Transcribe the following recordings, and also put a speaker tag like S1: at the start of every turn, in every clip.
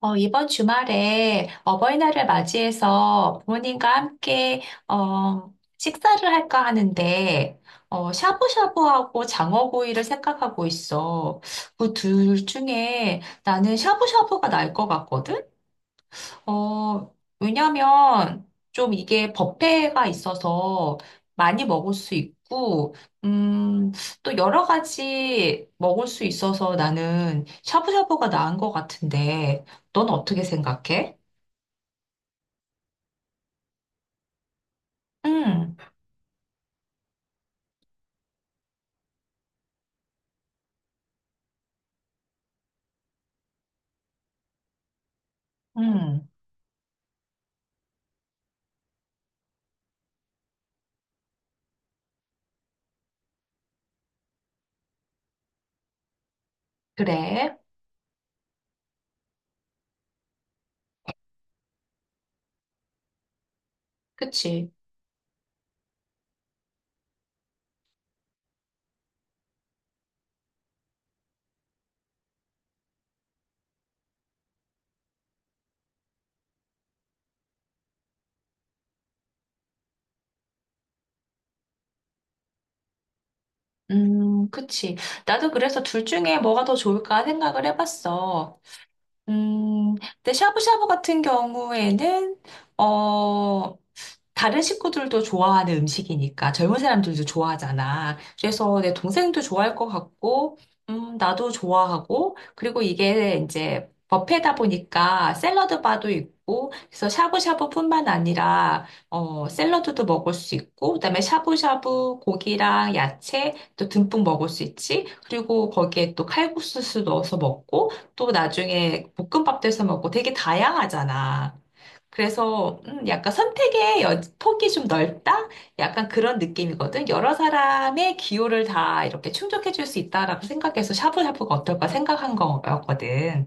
S1: 이번 주말에 어버이날을 맞이해서 부모님과 함께 어, 식사를 할까 하는데 샤브샤브하고 장어구이를 생각하고 있어. 그 둘 중에 나는 샤브샤브가 나을 것 같거든? 왜냐면 좀 이게 법회가 있어서 많이 먹을 수 있고, 음, 또 여러 가지 먹을 수 있어서 나는 샤브샤브가 나은 것 같은데, 넌 어떻게 생각해? 응, 응, 그래. 그치. 그치. 나도 그래서 둘 중에 뭐가 더 좋을까 생각을 해봤어. 음, 근데 샤브샤브 같은 경우에는, 어, 다른 식구들도 좋아하는 음식이니까 젊은 사람들도 좋아하잖아. 그래서 내 동생도 좋아할 것 같고, 나도 좋아하고, 그리고 이게 이제 뷔페다 보니까 샐러드 바도 있고, 그래서 샤브샤브뿐만 아니라, 샐러드도 먹을 수 있고, 그다음에 샤브샤브 고기랑 야채 또 듬뿍 먹을 수 있지. 그리고 거기에 또 칼국수도 넣어서 먹고, 또 나중에 볶음밥도 해서 먹고 되게 다양하잖아. 그래서 약간 폭이 좀 넓다? 약간 그런 느낌이거든. 여러 사람의 기호를 다 이렇게 충족해 줄 수 있다라고 생각해서 샤브샤브가 어떨까 생각한 거였거든.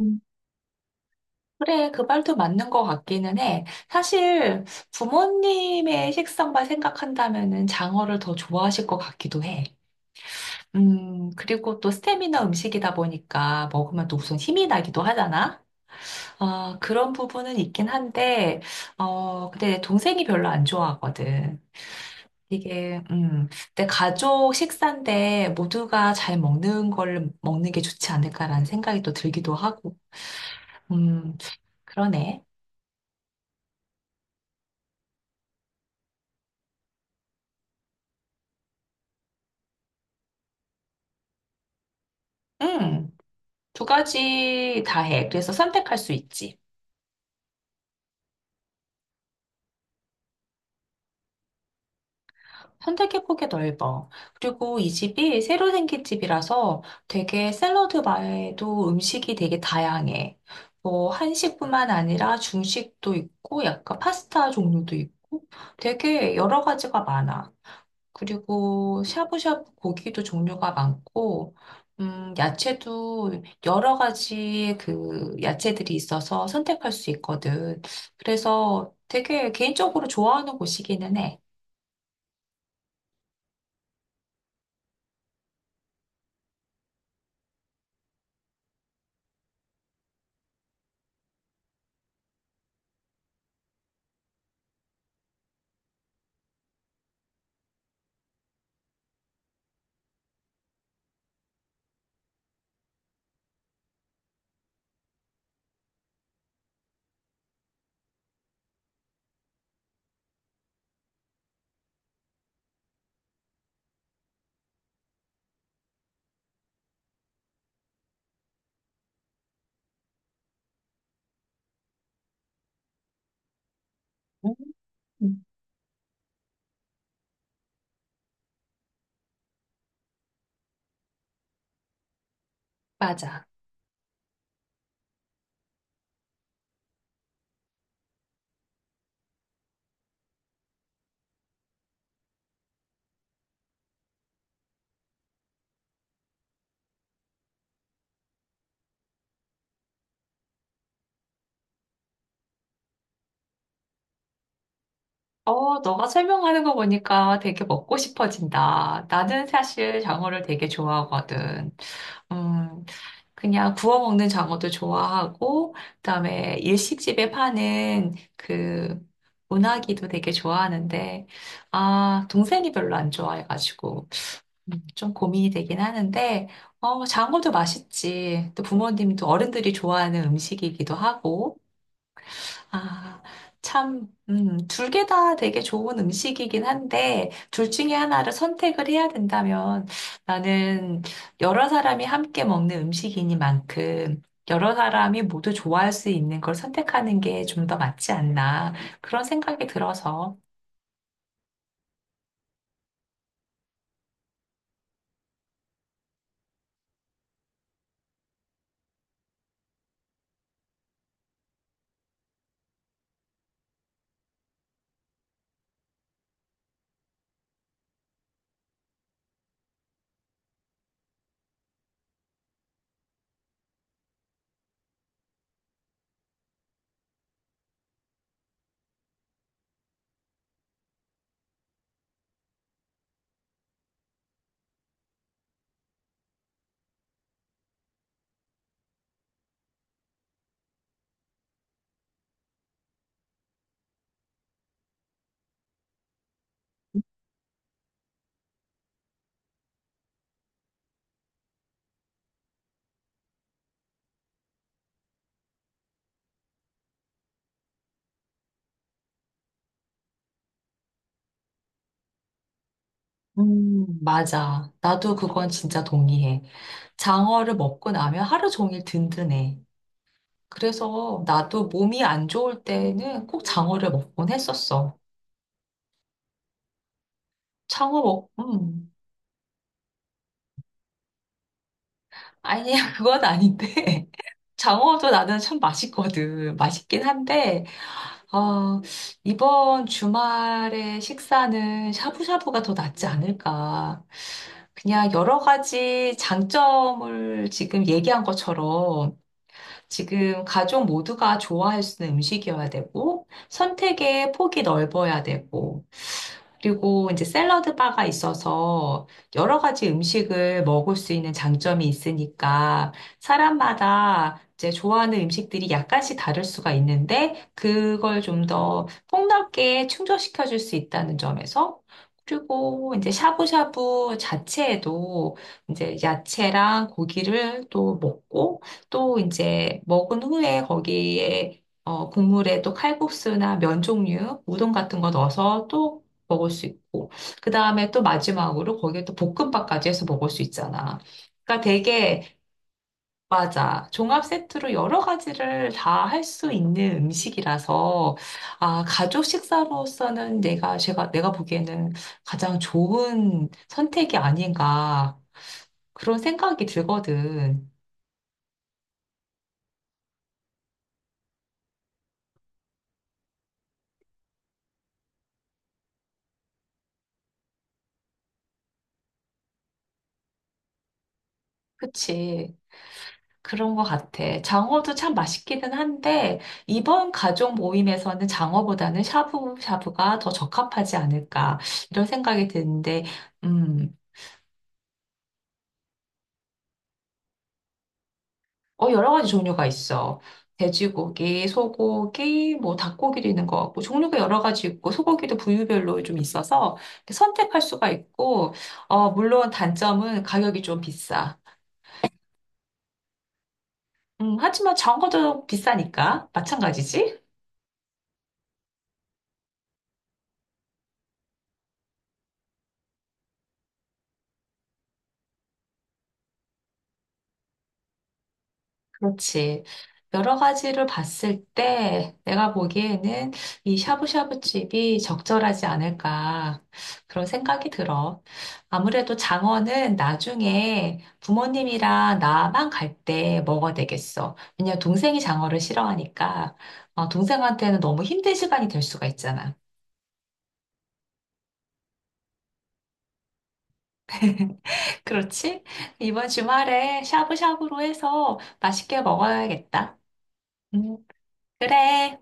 S1: 음. 그래, 그 말도 맞는 것 같기는 해. 사실 부모님의 식성만 생각한다면은 장어를 더 좋아하실 것 같기도 해. 그리고 또 스테미너 음식이다 보니까 먹으면 또 우선 힘이 나기도 하잖아. 아, 그런 부분은 있긴 한데, 근데 내 동생이 별로 안 좋아하거든. 이게, 내 가족 식사인데 모두가 잘 먹는 걸 먹는 게 좋지 않을까라는 생각이 또 들기도 하고, 음, 그러네. 음, 두 가지 다 해. 그래서 선택할 수 있지. 선택의 폭이 넓어. 그리고 이 집이 새로 생긴 집이라서 되게 샐러드 바에도 음식이 되게 다양해. 뭐 한식뿐만 아니라 중식도 있고 약간 파스타 종류도 있고 되게 여러 가지가 많아. 그리고 샤브샤브 고기도 종류가 많고 야채도 여러 가지 그 야채들이 있어서 선택할 수 있거든. 그래서 되게 개인적으로 좋아하는 곳이기는 해. 음. 맞아. 너가 설명하는 거 보니까 되게 먹고 싶어진다. 나는 사실 장어를 되게 좋아하거든. 음, 그냥 구워 먹는 장어도 좋아하고, 그다음에 일식집에 파는 그 운하기도 되게 좋아하는데, 아, 동생이 별로 안 좋아해가지고, 좀 고민이 되긴 하는데, 장어도 맛있지. 또 부모님도 어른들이 좋아하는 음식이기도 하고, 아, 참, 둘 개 다 되게 좋은 음식이긴 한데, 둘 중에 하나를 선택을 해야 된다면, 나는 여러 사람이 함께 먹는 음식이니만큼, 여러 사람이 모두 좋아할 수 있는 걸 선택하는 게 좀 더 맞지 않나, 그런 생각이 들어서. 맞아. 나도 그건 진짜 동의해. 장어를 먹고 나면 하루 종일 든든해. 그래서 나도 몸이 안 좋을 때는 꼭 장어를 먹곤 했었어. 창어로, 아니야, 그건 아닌데. 장어도 나는 참 맛있거든. 맛있긴 한데, 어, 이번 주말에 식사는 샤브샤브가 더 낫지 않을까. 그냥 여러 가지 장점을 지금 얘기한 것처럼 지금 가족 모두가 좋아할 수 있는 음식이어야 되고, 선택의 폭이 넓어야 되고, 그리고 이제 샐러드 바가 있어서 여러 가지 음식을 먹을 수 있는 장점이 있으니까 사람마다 이제 좋아하는 음식들이 약간씩 다를 수가 있는데 그걸 좀 더 폭넓게 충족시켜 줄 수 있다는 점에서 그리고 이제 샤브샤브 자체에도 이제 야채랑 고기를 또 먹고 또 이제 먹은 후에 거기에 국물에 또 칼국수나 면 종류, 우동 같은 거 넣어서 또 먹을 수 있고, 그 다음에 또 마지막으로 거기에 또 볶음밥까지 해서 먹을 수 있잖아. 그러니까 되게, 맞아. 종합 세트로 여러 가지를 다 할 수 있는 음식이라서, 아, 가족 식사로서는 내가 보기에는 가장 좋은 선택이 아닌가, 그런 생각이 들거든. 그치. 그런 것 같아. 장어도 참 맛있기는 한데, 이번 가족 모임에서는 장어보다는 샤브샤브가 더 적합하지 않을까, 이런 생각이 드는데, 음, 여러 가지 종류가 있어. 돼지고기, 소고기, 뭐 닭고기도 있는 것 같고, 종류가 여러 가지 있고, 소고기도 부위별로 좀 있어서 선택할 수가 있고, 물론 단점은 가격이 좀 비싸. 하지만 장어도 비싸니까, 마찬가지지? 그렇지. 여러 가지를 봤을 때 내가 보기에는 이 샤브샤브 집이 적절하지 않을까 그런 생각이 들어. 아무래도 장어는 나중에 부모님이랑 나만 갈 때 먹어야 되겠어. 왜냐면 동생이 장어를 싫어하니까 동생한테는 너무 힘든 시간이 될 수가 있잖아. 그렇지? 이번 주말에 샤브샤브로 해서 맛있게 먹어야겠다. 음, 그래.